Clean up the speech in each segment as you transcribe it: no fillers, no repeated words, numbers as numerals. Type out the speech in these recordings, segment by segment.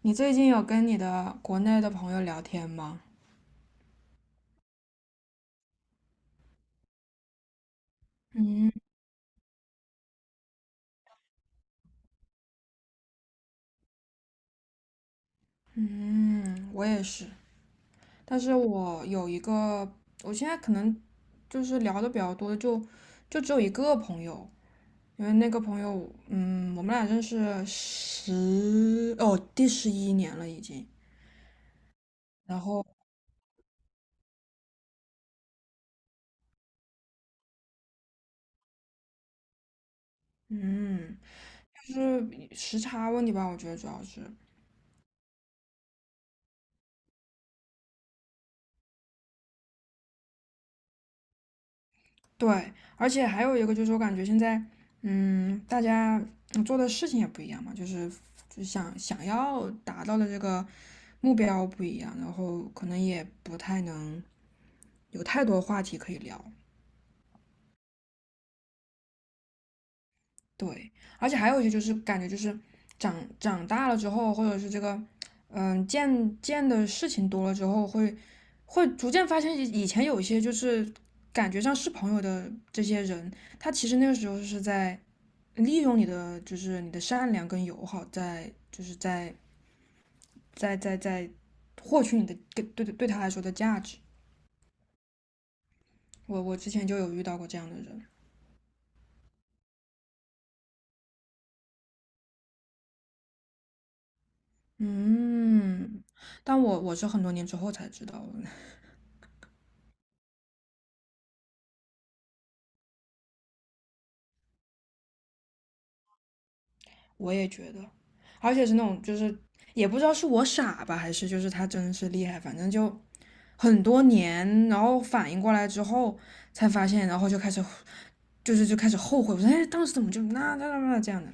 你最近有跟你的国内的朋友聊天吗？嗯，嗯，我也是，但是我有一个，我现在可能就是聊的比较多，的，就就只有一个朋友。因为那个朋友，我们俩认识十，哦，第11年了已经。然后，嗯，就是时差问题吧，我觉得主要是。对，而且还有一个就是，我感觉现在，大家做的事情也不一样嘛，就是就想想要达到的这个目标不一样，然后可能也不太能有太多话题可以聊。对，而且还有一些就是感觉就是长长大了之后，或者是这个，见见的事情多了之后，会逐渐发现以前有一些就是感觉上是朋友的这些人，他其实那个时候是在利用你的就是你的善良跟友好在，就是在获取你的对对他来说的价值。我之前就有遇到过这样的人。嗯，但我是很多年之后才知道的。我也觉得，而且是那种就是也不知道是我傻吧，还是就是他真是厉害，反正就很多年，然后反应过来之后才发现，然后就开始就是就开始后悔。我说哎当时怎么就那这样的。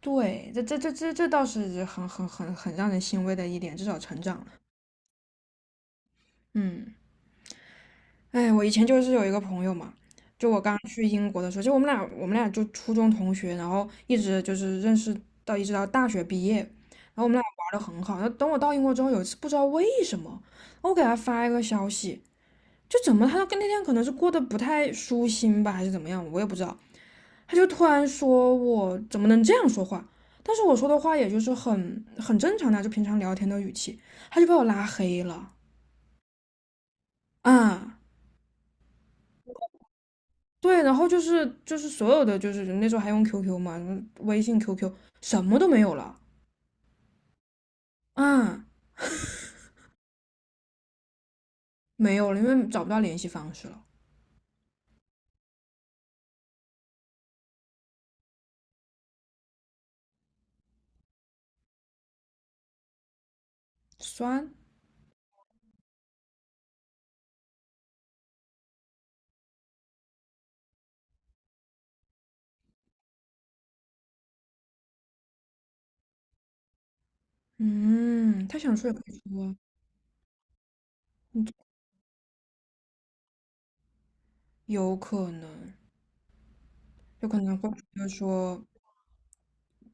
对，这倒是很让人欣慰的一点，至少成长了。嗯，哎，我以前就是有一个朋友嘛。就我刚去英国的时候，就我们俩就初中同学，然后一直就是认识到一直到大学毕业，然后我们俩玩的很好。然后等我到英国之后，有一次不知道为什么，我给他发一个消息。就怎么他跟那天可能是过得不太舒心吧，还是怎么样，我也不知道。他就突然说我怎么能这样说话？但是我说的话也就是很正常的啊，就平常聊天的语气。他就把我拉黑了啊。嗯对，然后就是就是所有的就是那时候还用 QQ 嘛，微信、QQ 什么都没有了啊。嗯没有了，因为找不到联系方式了。酸。嗯，他想说也可以说。有可能，有可能会就得说，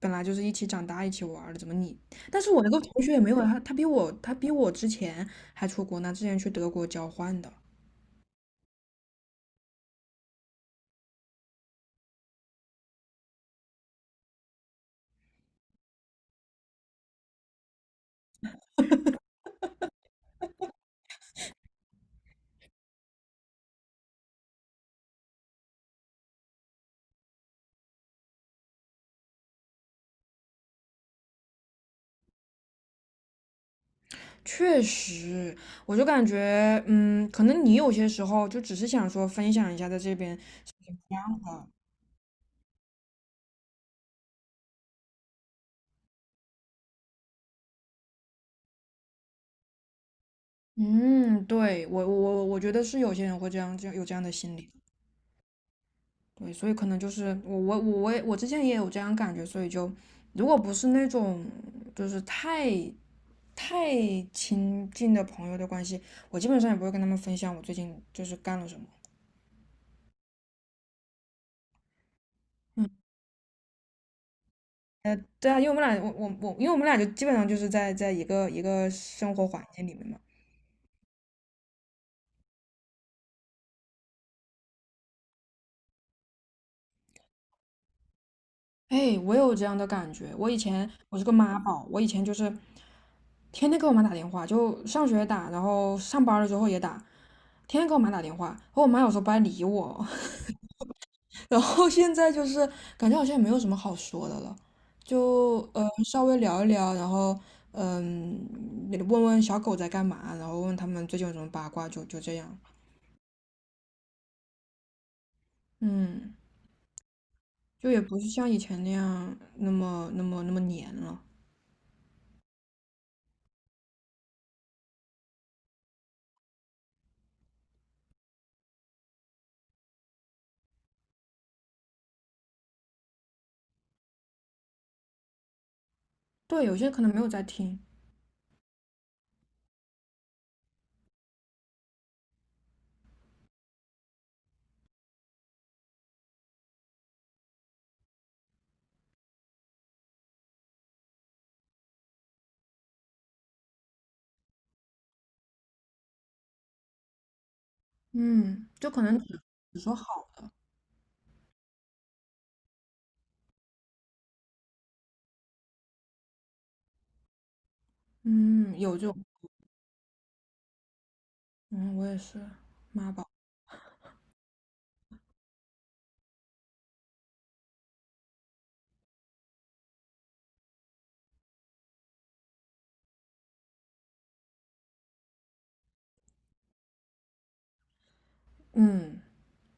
本来就是一起长大、一起玩儿的，怎么你？但是我那个同学也没有他，他比我之前还出国呢，之前去德国交换的。确实，我就感觉，可能你有些时候就只是想说分享一下在这边。啊，嗯，对，我觉得是有些人会这样，这样有这样的心理。对，所以可能就是我之前也有这样感觉，所以就如果不是那种就是太亲近的朋友的关系，我基本上也不会跟他们分享我最近就是干了什么。对啊，因为我们俩我我我，因为我们俩就基本上就是在在一个生活环境里面嘛。哎，我有这样的感觉。我以前我是个妈宝，我以前就是天天给我妈打电话，就上学打，然后上班了之后也打，天天给我妈打电话。然后我妈有时候不爱理我，然后现在就是感觉好像也没有什么好说的了，就稍微聊一聊，然后也问问小狗在干嘛，然后问他们最近有什么八卦，就就这样。嗯，就也不是像以前那样那么黏了。对，有些可能没有在听。嗯，就可能只说好，嗯，有这种。嗯，我也是妈宝。嗯。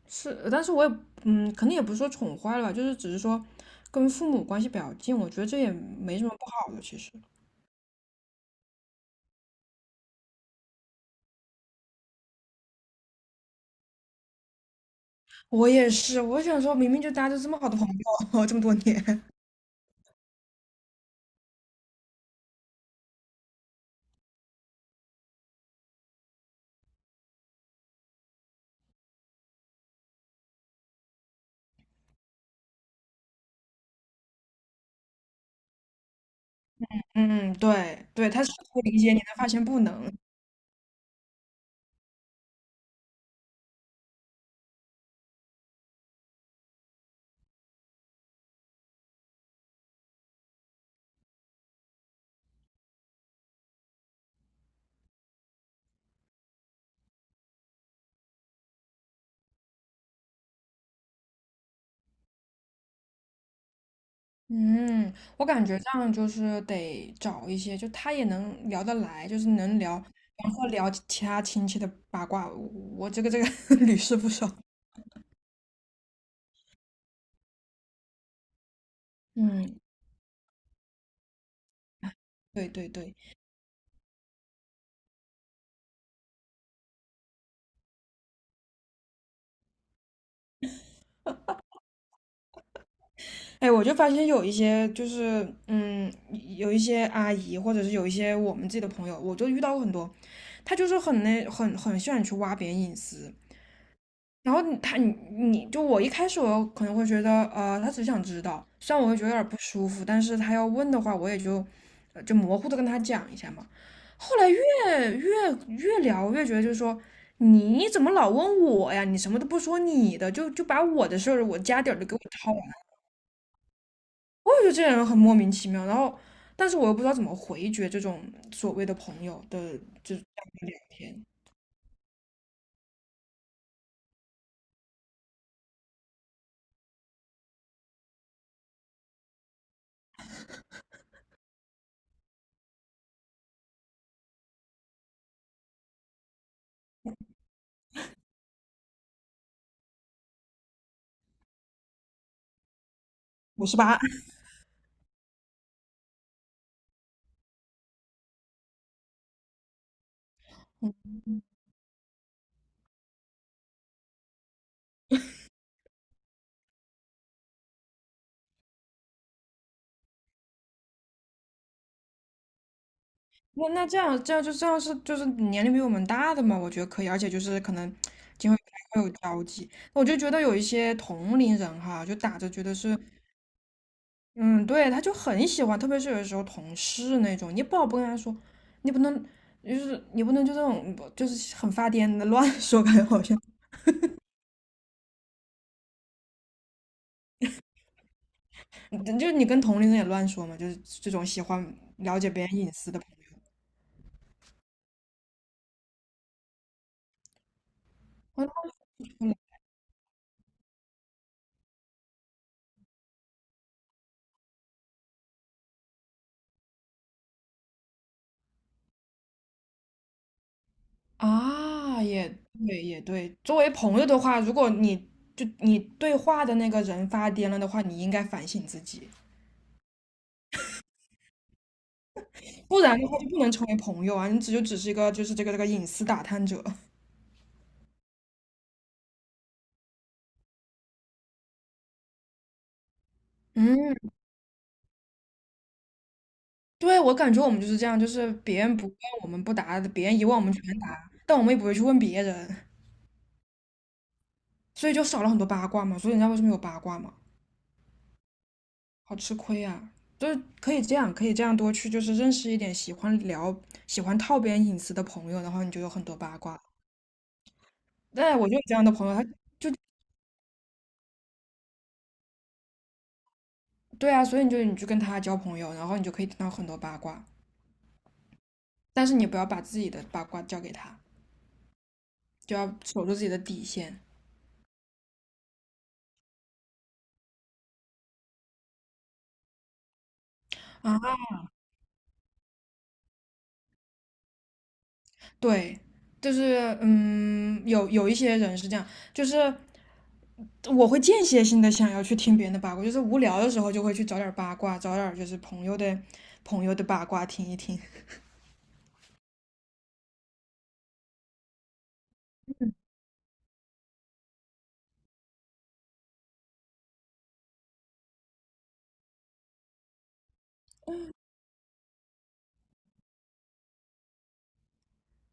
是，但是我也可能也不是说宠坏了吧，就是只是说跟父母关系比较近，我觉得这也没什么不好的。其实我也是，我想说明明就大家都这么好的朋友，这么多年。嗯，对对，他试图理解你，但发现不能。嗯，我感觉这样就是得找一些，就他也能聊得来，就是能聊，比方说聊其他亲戚的八卦。我这个这个 屡试不爽。嗯，对对对。哎，我就发现有一些就是，有一些阿姨，或者是有一些我们自己的朋友，我就遇到过很多。她就是很那很很喜欢去挖别人隐私。然后你她你你就我一开始我可能会觉得，她只想知道，虽然我会觉得有点不舒服，但是她要问的话，我也就就模糊的跟她讲一下嘛。后来越聊越觉得就是说。你怎么老问我呀？你什么都不说你的，就就把我的事儿、我家底儿都给我掏。我也觉得这些人很莫名其妙，然后但是我又不知道怎么回绝这种所谓的朋友的这样的聊天。58。那那这样这样就这样是就是年龄比我们大的嘛，我觉得可以，而且就是可能今后还会有交集。我就觉得有一些同龄人哈，就打着觉得是。嗯，对，他就很喜欢，特别是有的时候同事那种，你不好不跟他说。你不能就是你不能就这种就是很发癫的乱说，感觉好像。你就是你跟同龄人也乱说嘛，就是这种喜欢了解别人隐私的朋友。我闹出来啊，也对，也对。作为朋友的话，如果你就你对话的那个人发癫了的话，你应该反省自己，不然的话就不能成为朋友啊，你只就只是一个就是这个隐私打探者。嗯，对，我感觉我们就是这样，就是别人不问我们不答，别人一问我们全答，但我们也不会去问别人，所以就少了很多八卦嘛。所以人家为什么有八卦嘛？好吃亏啊！就是可以这样，可以这样多去，就是认识一点喜欢聊、喜欢套别人隐私的朋友，然后你就有很多八卦。对，我就有这样的朋友。他对啊，所以你就跟他交朋友，然后你就可以听到很多八卦，但是你不要把自己的八卦交给他，就要守住自己的底线啊。对，就是有一些人是这样，就是我会间歇性的想要去听别人的八卦，就是无聊的时候就会去找点儿八卦，找点儿就是朋友的八卦听一听。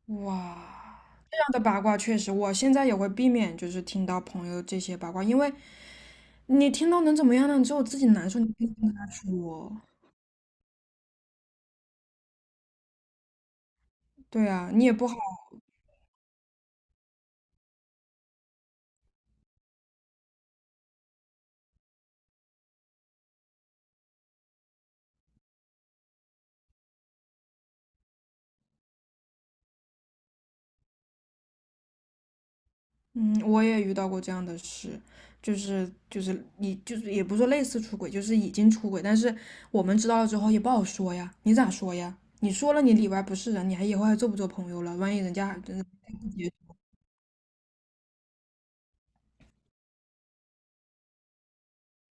哇，这样的八卦确实，我现在也会避免，就是听到朋友这些八卦，因为你听到能怎么样呢？你只有自己难受，你可以跟他说。对啊，你也不好。嗯，我也遇到过这样的事，就是就是你就是也不是说类似出轨，就是已经出轨，但是我们知道了之后也不好说呀，你咋说呀？你说了你里外不是人，你还以后还做不做朋友了？万一人家还真的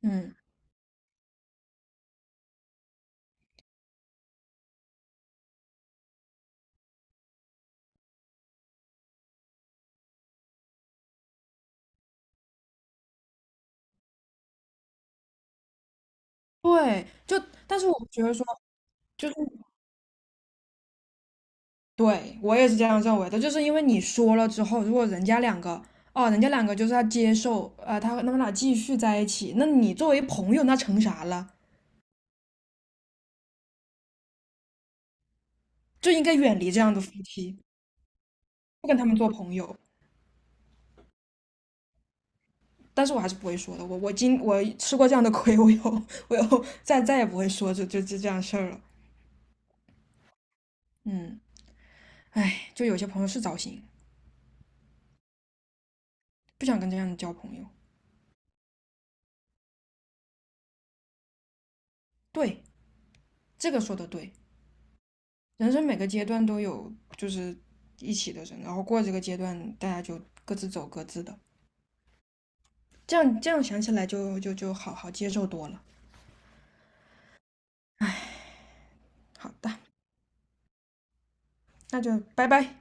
嗯，对，就但是我觉得说，就是对，我也是这样认为的，就是因为你说了之后，如果人家两个，哦，人家两个就是他接受，他他们俩继续在一起，那你作为朋友，那成啥了？就应该远离这样的夫妻，不跟他们做朋友。但是我还是不会说的。我吃过这样的亏，我以后再再也不会说这这就这样事儿了。嗯，哎，就有些朋友是糟心。不想跟这样的交朋友。对，这个说的对。人生每个阶段都有就是一起的人，然后过这个阶段，大家就各自走各自的，这样这样想起来就就好好接受多了。好的，那就拜拜。